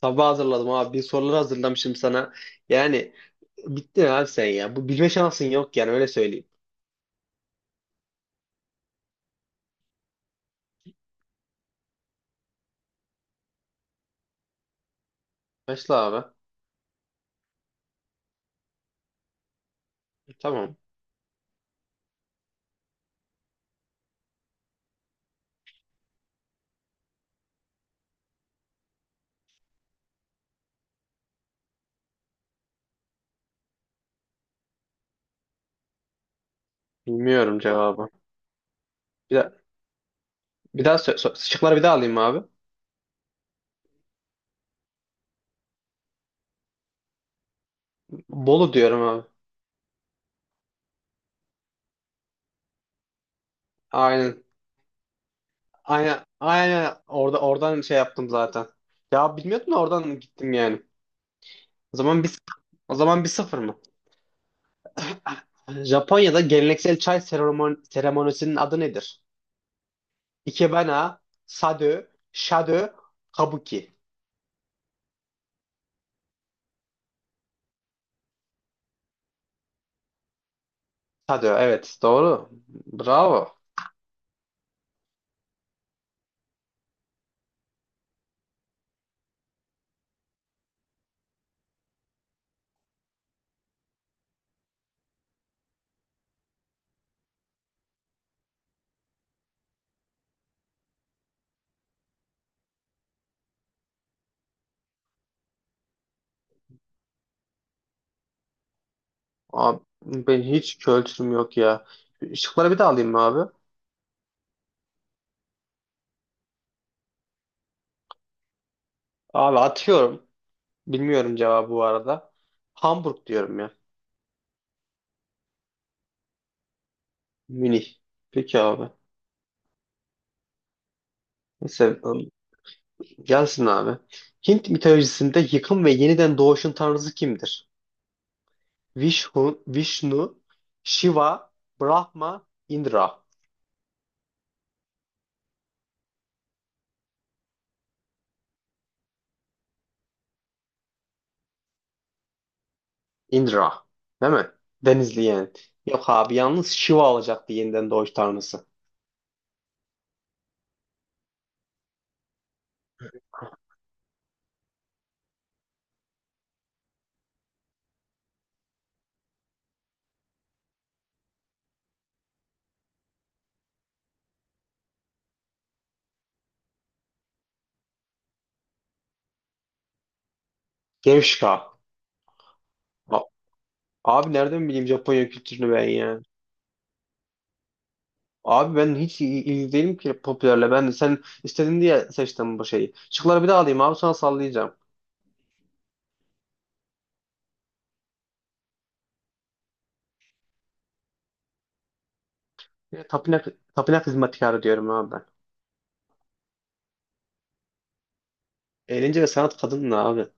Sabah hazırladım abi. Bir sorular hazırlamışım sana. Yani bittin abi sen ya. Bu bilme şansın yok yani öyle söyleyeyim. Başla abi. Tamam. Bilmiyorum cevabı. Bir, daha- bir daha şıkları bir daha alayım abi. Bolu diyorum abi. Aynen. Aynen. Aynen. Oradan şey yaptım zaten. Ya bilmiyordum da oradan gittim yani. O zaman bir o zaman 1-0 mı? Japonya'da geleneksel çay seremonisinin adı nedir? Ikebana, Sado, Shado, Kabuki. Hadi evet doğru. Bravo. Abi, ben hiç kültürüm yok ya. Şıkları bir daha alayım mı abi? Abi atıyorum. Bilmiyorum cevabı bu arada. Hamburg diyorum ya. Münih. Peki abi. Neyse gelsin abi. Hint mitolojisinde yıkım ve yeniden doğuşun tanrısı kimdir? Vishnu, Shiva, Brahma, Indra. Indra. Değil mi? Denizli yani. Yok abi yalnız Shiva olacaktı yeniden doğuş tanrısı. Gevşka. Abi nereden bileyim Japonya kültürünü ben ya? Abi ben hiç ilgili değilim ki popülerle. Ben de sen istedin diye seçtim bu şeyi. Şıkları bir daha alayım abi sonra sallayacağım. Ya, tapınak hizmetkarı diyorum abi ben. Eğlence ve sanat kadın ne abi?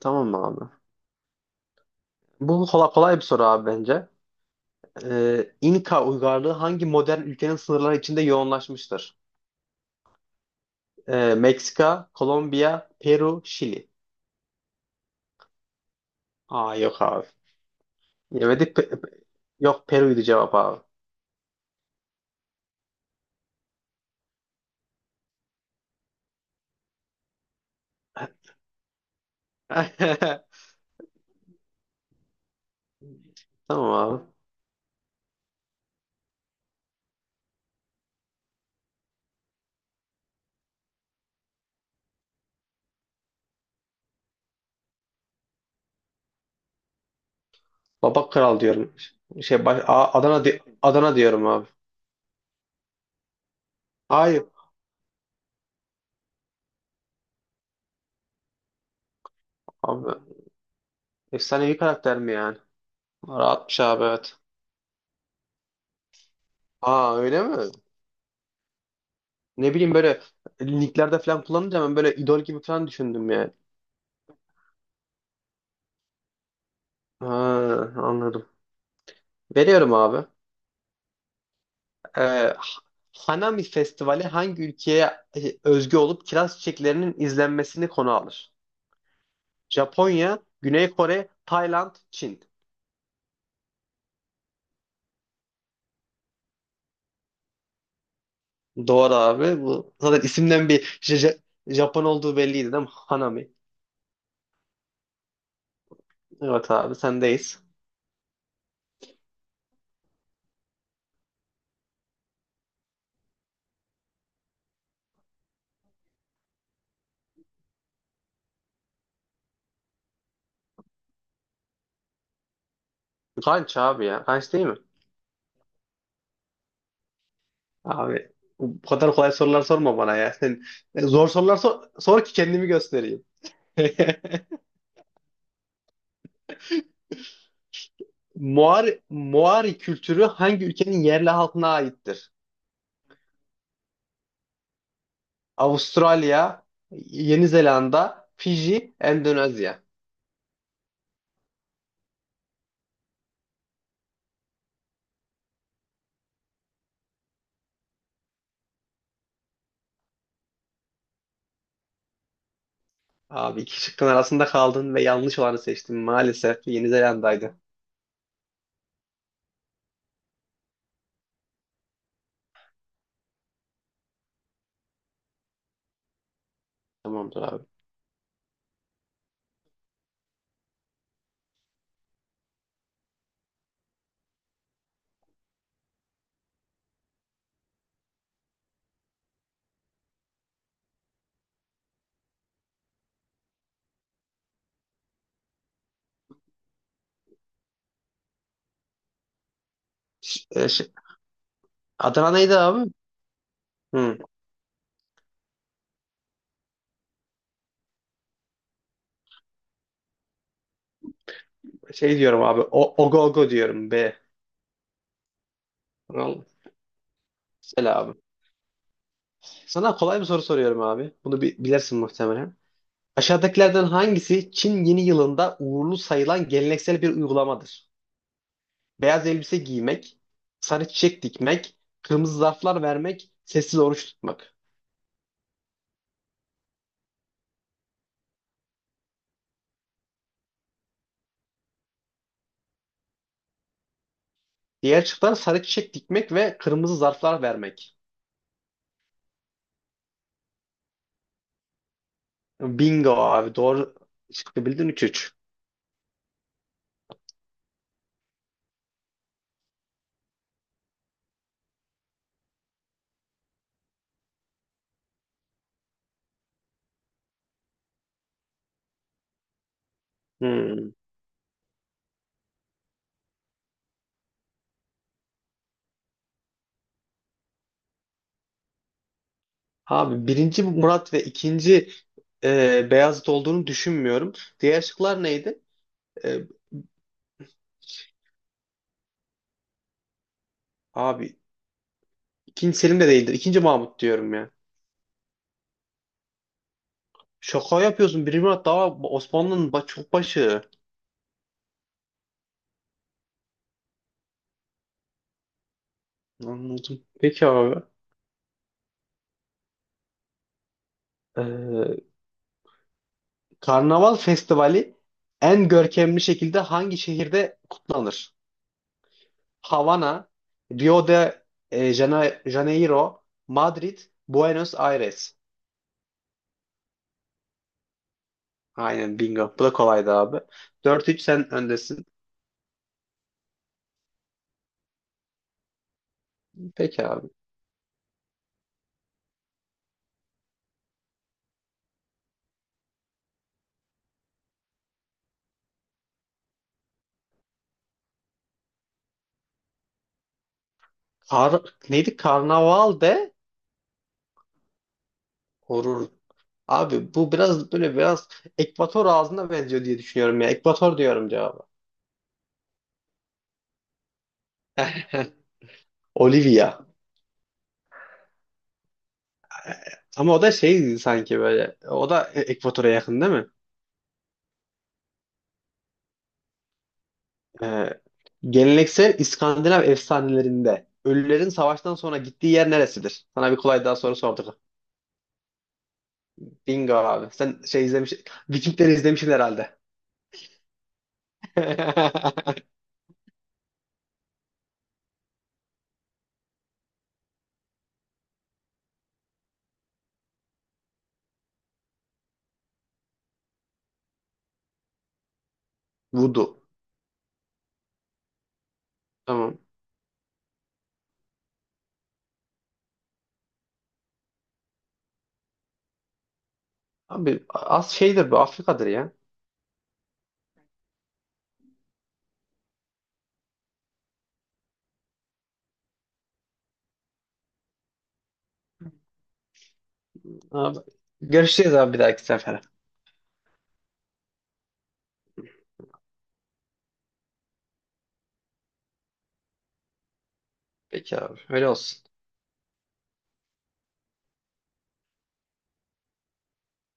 Tamam mı abi? Bu kolay bir soru abi bence. İnka uygarlığı hangi modern ülkenin sınırları içinde yoğunlaşmıştır? Meksika, Kolombiya, Peru, Şili. Aa yok abi. Yemedi. Yok Peru'ydu cevap abi. Tamam abi. Baba Kral diyorum. Şey Adana diyorum abi. Hayır abi. Efsanevi karakter mi yani? Rahatmış abi evet. Aa öyle mi? Ne bileyim böyle linklerde falan kullanınca ben böyle idol gibi falan düşündüm yani. Ha, anladım. Veriyorum abi. Ee, Hanami Festivali hangi ülkeye özgü olup kiraz çiçeklerinin izlenmesini konu alır? Japonya, Güney Kore, Tayland, Çin. Doğru abi. Bu zaten isimden bir Japon olduğu belliydi değil mi? Hanami. Evet abi sendeyiz. Kanç abi ya. Kanç değil mi? Abi bu kadar kolay sorular sorma bana ya. Sen zor sorular sor ki kendimi göstereyim. Moari kültürü hangi ülkenin yerli halkına aittir? Avustralya, Yeni Zelanda, Fiji, Endonezya. Abi iki şıkkın arasında kaldın ve yanlış olanı seçtin. Maalesef Yeni Zelanda'ydı. Tamamdır abi. E, Adana neydi abi? Hı. Şey diyorum abi. O, ogo ogo diyorum B. Tamam. Güzel abi. Sana kolay bir soru soruyorum abi. Bunu bilirsin muhtemelen. Aşağıdakilerden hangisi Çin yeni yılında uğurlu sayılan geleneksel bir uygulamadır? Beyaz elbise giymek, sarı çiçek dikmek, kırmızı zarflar vermek, sessiz oruç tutmak. Diğer şıklar sarı çiçek dikmek ve kırmızı zarflar vermek. Bingo abi. Doğru şıkkı bildin 3-3. Abi birinci Murat ve ikinci Beyazıt olduğunu düşünmüyorum. Diğer şıklar neydi? E, abi ikinci Selim de değildir. İkinci Mahmut diyorum ya. Şaka yapıyorsun. Birinci Murat daha Osmanlı'nın çok başı. Anladım. Peki abi. E, Karnaval Festivali en görkemli şekilde hangi şehirde kutlanır? Havana, Rio de Janeiro, Madrid, Buenos Aires. Aynen bingo. Bu da kolaydı abi. 4-3 sen öndesin. Peki abi. Neydi? Karnaval de horur. Abi bu biraz böyle biraz Ekvator ağzına benziyor diye düşünüyorum ya. Ekvator diyorum cevabı. Olivia. Ama o da şey sanki böyle. O da Ekvator'a yakın değil mi? Ee, geleneksel İskandinav efsanelerinde ölülerin savaştan sonra gittiği yer neresidir? Sana bir kolay daha soru sorduk. Bingo abi. Sen şey Vikingleri izlemişsin herhalde. Voodoo. Tamam. Abi az şeydir bu Afrika'dır ya. Abi, görüşeceğiz abi bir dahaki sefere. Peki abi öyle olsun.